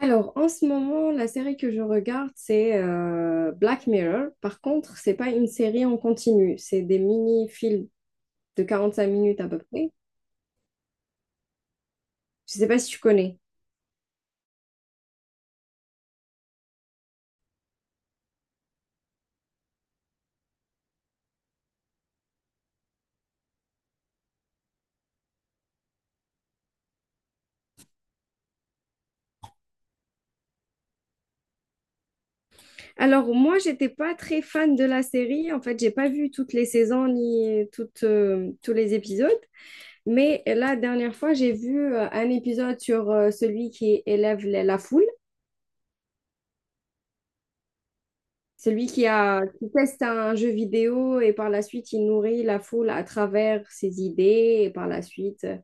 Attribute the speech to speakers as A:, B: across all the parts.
A: Alors, en ce moment, la série que je regarde, c'est Black Mirror. Par contre, c'est pas une série en continu, c'est des mini-films de 45 minutes à peu près. Je sais pas si tu connais. Alors, moi, j'étais pas très fan de la série. En fait, j'ai pas vu toutes les saisons ni toutes, tous les épisodes. Mais la dernière fois, j'ai vu un épisode sur celui qui élève la foule. Celui qui a, qui teste un jeu vidéo et par la suite, il nourrit la foule à travers ses idées et par la suite.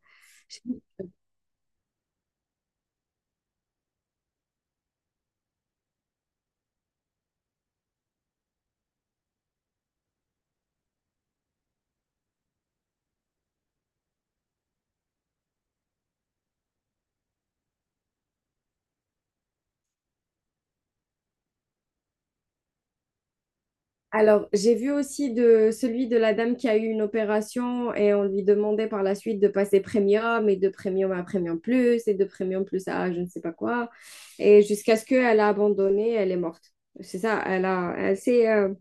A: Alors, j'ai vu aussi de celui de la dame qui a eu une opération et on lui demandait par la suite de passer premium et de premium à premium plus et de premium plus à je ne sais pas quoi et jusqu'à ce qu'elle a abandonné, elle est morte. C'est ça,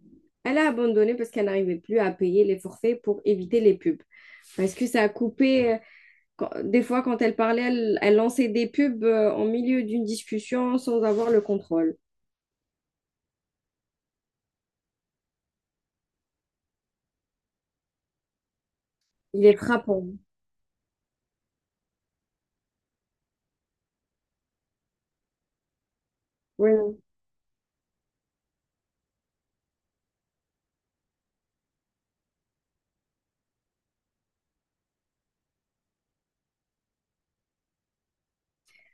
A: elle a abandonné parce qu'elle n'arrivait plus à payer les forfaits pour éviter les pubs. Parce que ça a coupé, des fois, quand elle parlait, elle lançait des pubs en milieu d'une discussion sans avoir le contrôle. Il est frappant. Ouais.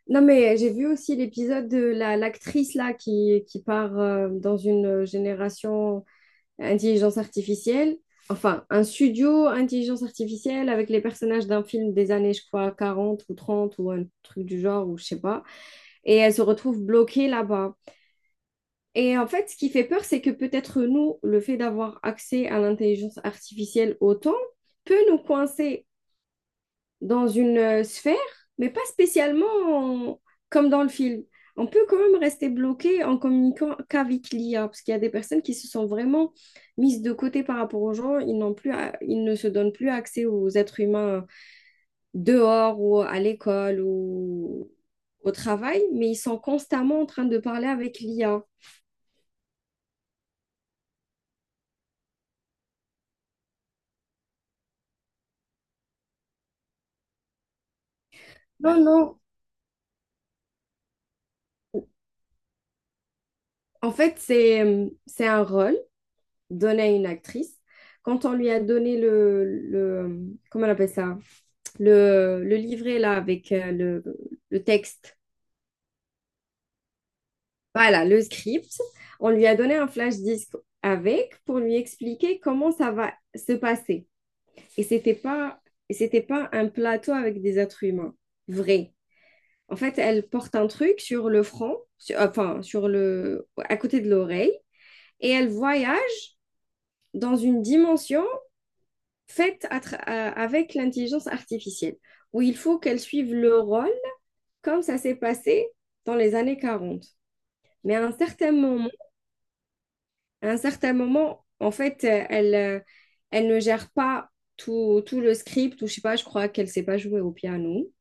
A: Non, mais j'ai vu aussi l'épisode de l'actrice là qui, qui part dans une génération intelligence artificielle. Enfin, un studio intelligence artificielle avec les personnages d'un film des années, je crois, 40 ou 30 ou un truc du genre, ou je sais pas. Et elle se retrouve bloquée là-bas. Et en fait, ce qui fait peur, c'est que peut-être nous, le fait d'avoir accès à l'intelligence artificielle autant peut nous coincer dans une sphère, mais pas spécialement comme dans le film. On peut quand même rester bloqué en communiquant qu'avec l'IA, parce qu'il y a des personnes qui se sont vraiment mises de côté par rapport aux gens. Ils n'ont plus, ils ne se donnent plus accès aux êtres humains dehors ou à l'école ou au travail, mais ils sont constamment en train de parler avec l'IA. Non, non. En fait, c'est un rôle donné à une actrice. Quand on lui a donné le, comment on appelle ça? Le livret là avec le texte, voilà, le script, on lui a donné un flash disque avec pour lui expliquer comment ça va se passer. Et c'était pas, et c'était pas un plateau avec des êtres humains, vrai. En fait, elle porte un truc sur le front, enfin, à côté de l'oreille, et elle voyage dans une dimension faite avec l'intelligence artificielle, où il faut qu'elle suive le rôle comme ça s'est passé dans les années 40. Mais à un certain moment, à un certain moment en fait, elle ne gère pas tout le script, ou je sais pas, je crois qu'elle ne sait pas jouer au piano.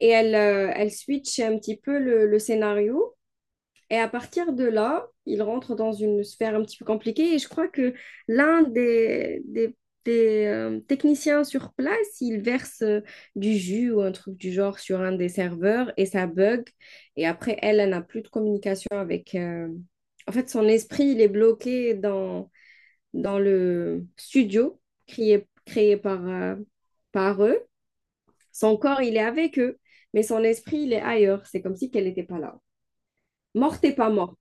A: Et elle switch un petit peu le scénario. Et à partir de là, il rentre dans une sphère un petit peu compliquée. Et je crois que l'un des techniciens sur place, il verse du jus ou un truc du genre sur un des serveurs et ça bug. Et après, elle n'a plus de communication avec. En fait, son esprit, il est bloqué dans le studio créé par, par eux. Son corps, il est avec eux, mais son esprit, il est ailleurs. C'est comme si qu'elle n'était pas là. Morte et pas morte.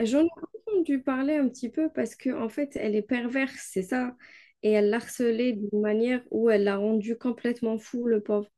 A: J'en ai entendu parler un petit peu parce que en fait, elle est perverse, c'est ça. Et elle l'harcelait d'une manière où elle l'a rendu complètement fou, le pauvre.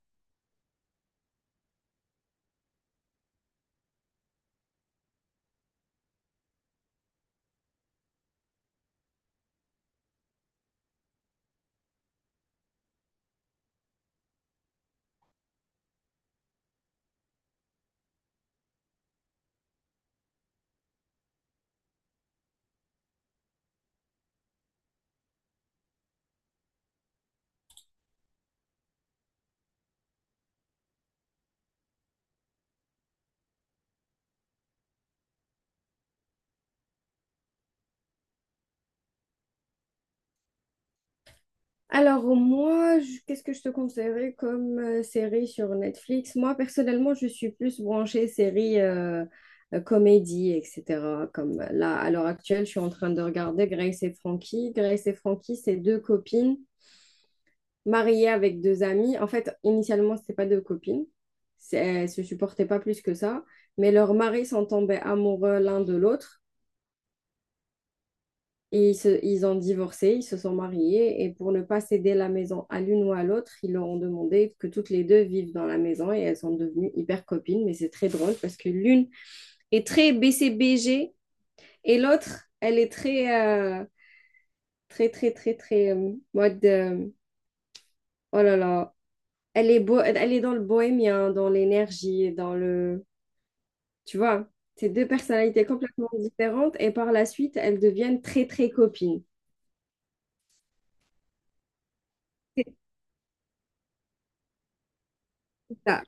A: Alors moi, qu'est-ce que je te conseillerais comme série sur Netflix? Moi, personnellement, je suis plus branchée série comédie, etc. Comme là, à l'heure actuelle, je suis en train de regarder Grace et Frankie. Grace et Frankie, c'est deux copines mariée avec deux amis. En fait, initialement, c'était pas deux copines. Elles se supportaient pas plus que ça. Mais leurs maris sont tombés amoureux l'un de l'autre. Et ils ont divorcé, ils se sont mariés. Et pour ne pas céder la maison à l'une ou à l'autre, ils leur ont demandé que toutes les deux vivent dans la maison. Et elles sont devenues hyper copines. Mais c'est très drôle parce que l'une est très BCBG et l'autre, elle est très, euh, très, très, très, très, mode. Oh là là. Elle est beau, elle est dans le bohémien, dans l'énergie, dans le... Tu vois, c'est deux personnalités complètement différentes et par la suite, elles deviennent très, très copines. C'est ça.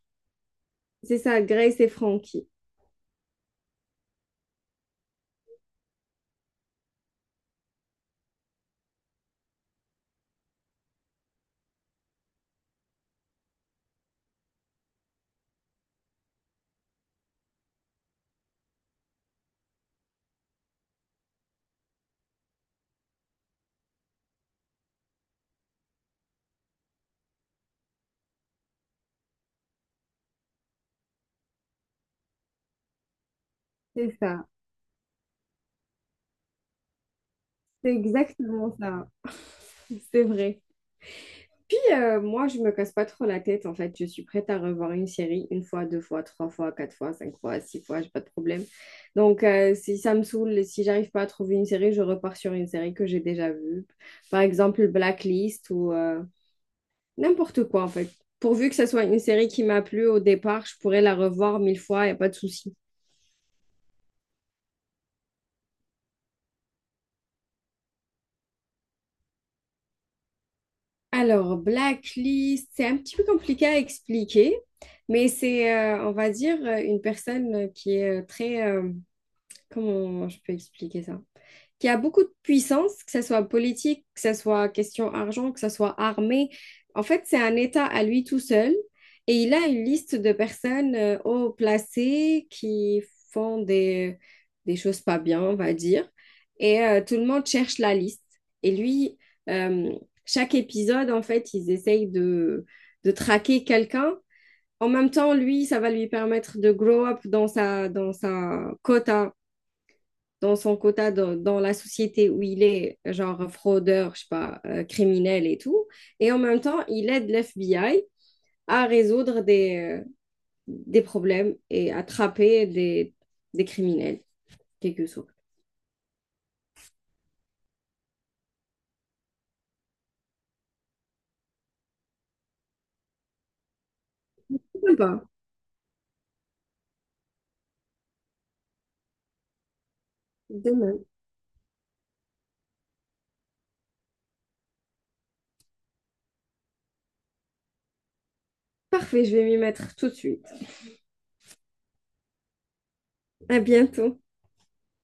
A: C'est ça, Grace et Frankie. C'est ça. C'est exactement ça. C'est vrai. Puis moi, je me casse pas trop la tête en fait. Je suis prête à revoir une série une fois, deux fois, trois fois, quatre fois, cinq fois, six fois, j'ai pas de problème. Donc si ça me saoule, si j'arrive pas à trouver une série, je repars sur une série que j'ai déjà vue. Par exemple, Blacklist ou n'importe quoi en fait. Pourvu que ce soit une série qui m'a plu au départ, je pourrais la revoir 1000 fois, il n'y a pas de souci. Alors, Blacklist, c'est un petit peu compliqué à expliquer, mais on va dire, une personne qui est très... Comment je peux expliquer ça? Qui a beaucoup de puissance, que ce soit politique, que ce soit question argent, que ce soit armée. En fait, c'est un État à lui tout seul et il a une liste de personnes haut placées qui font des choses pas bien, on va dire. Et tout le monde cherche la liste. Et lui, euh, chaque épisode, en fait, ils essayent de traquer quelqu'un. En même temps, lui, ça va lui permettre de grow up dans son quota dans la société où il est, genre fraudeur, je sais pas, criminel et tout. Et en même temps, il aide l'FBI à résoudre des problèmes et attraper des criminels, quelque sorte. Sympa. De même. Parfait, je vais m'y mettre tout de suite. À bientôt.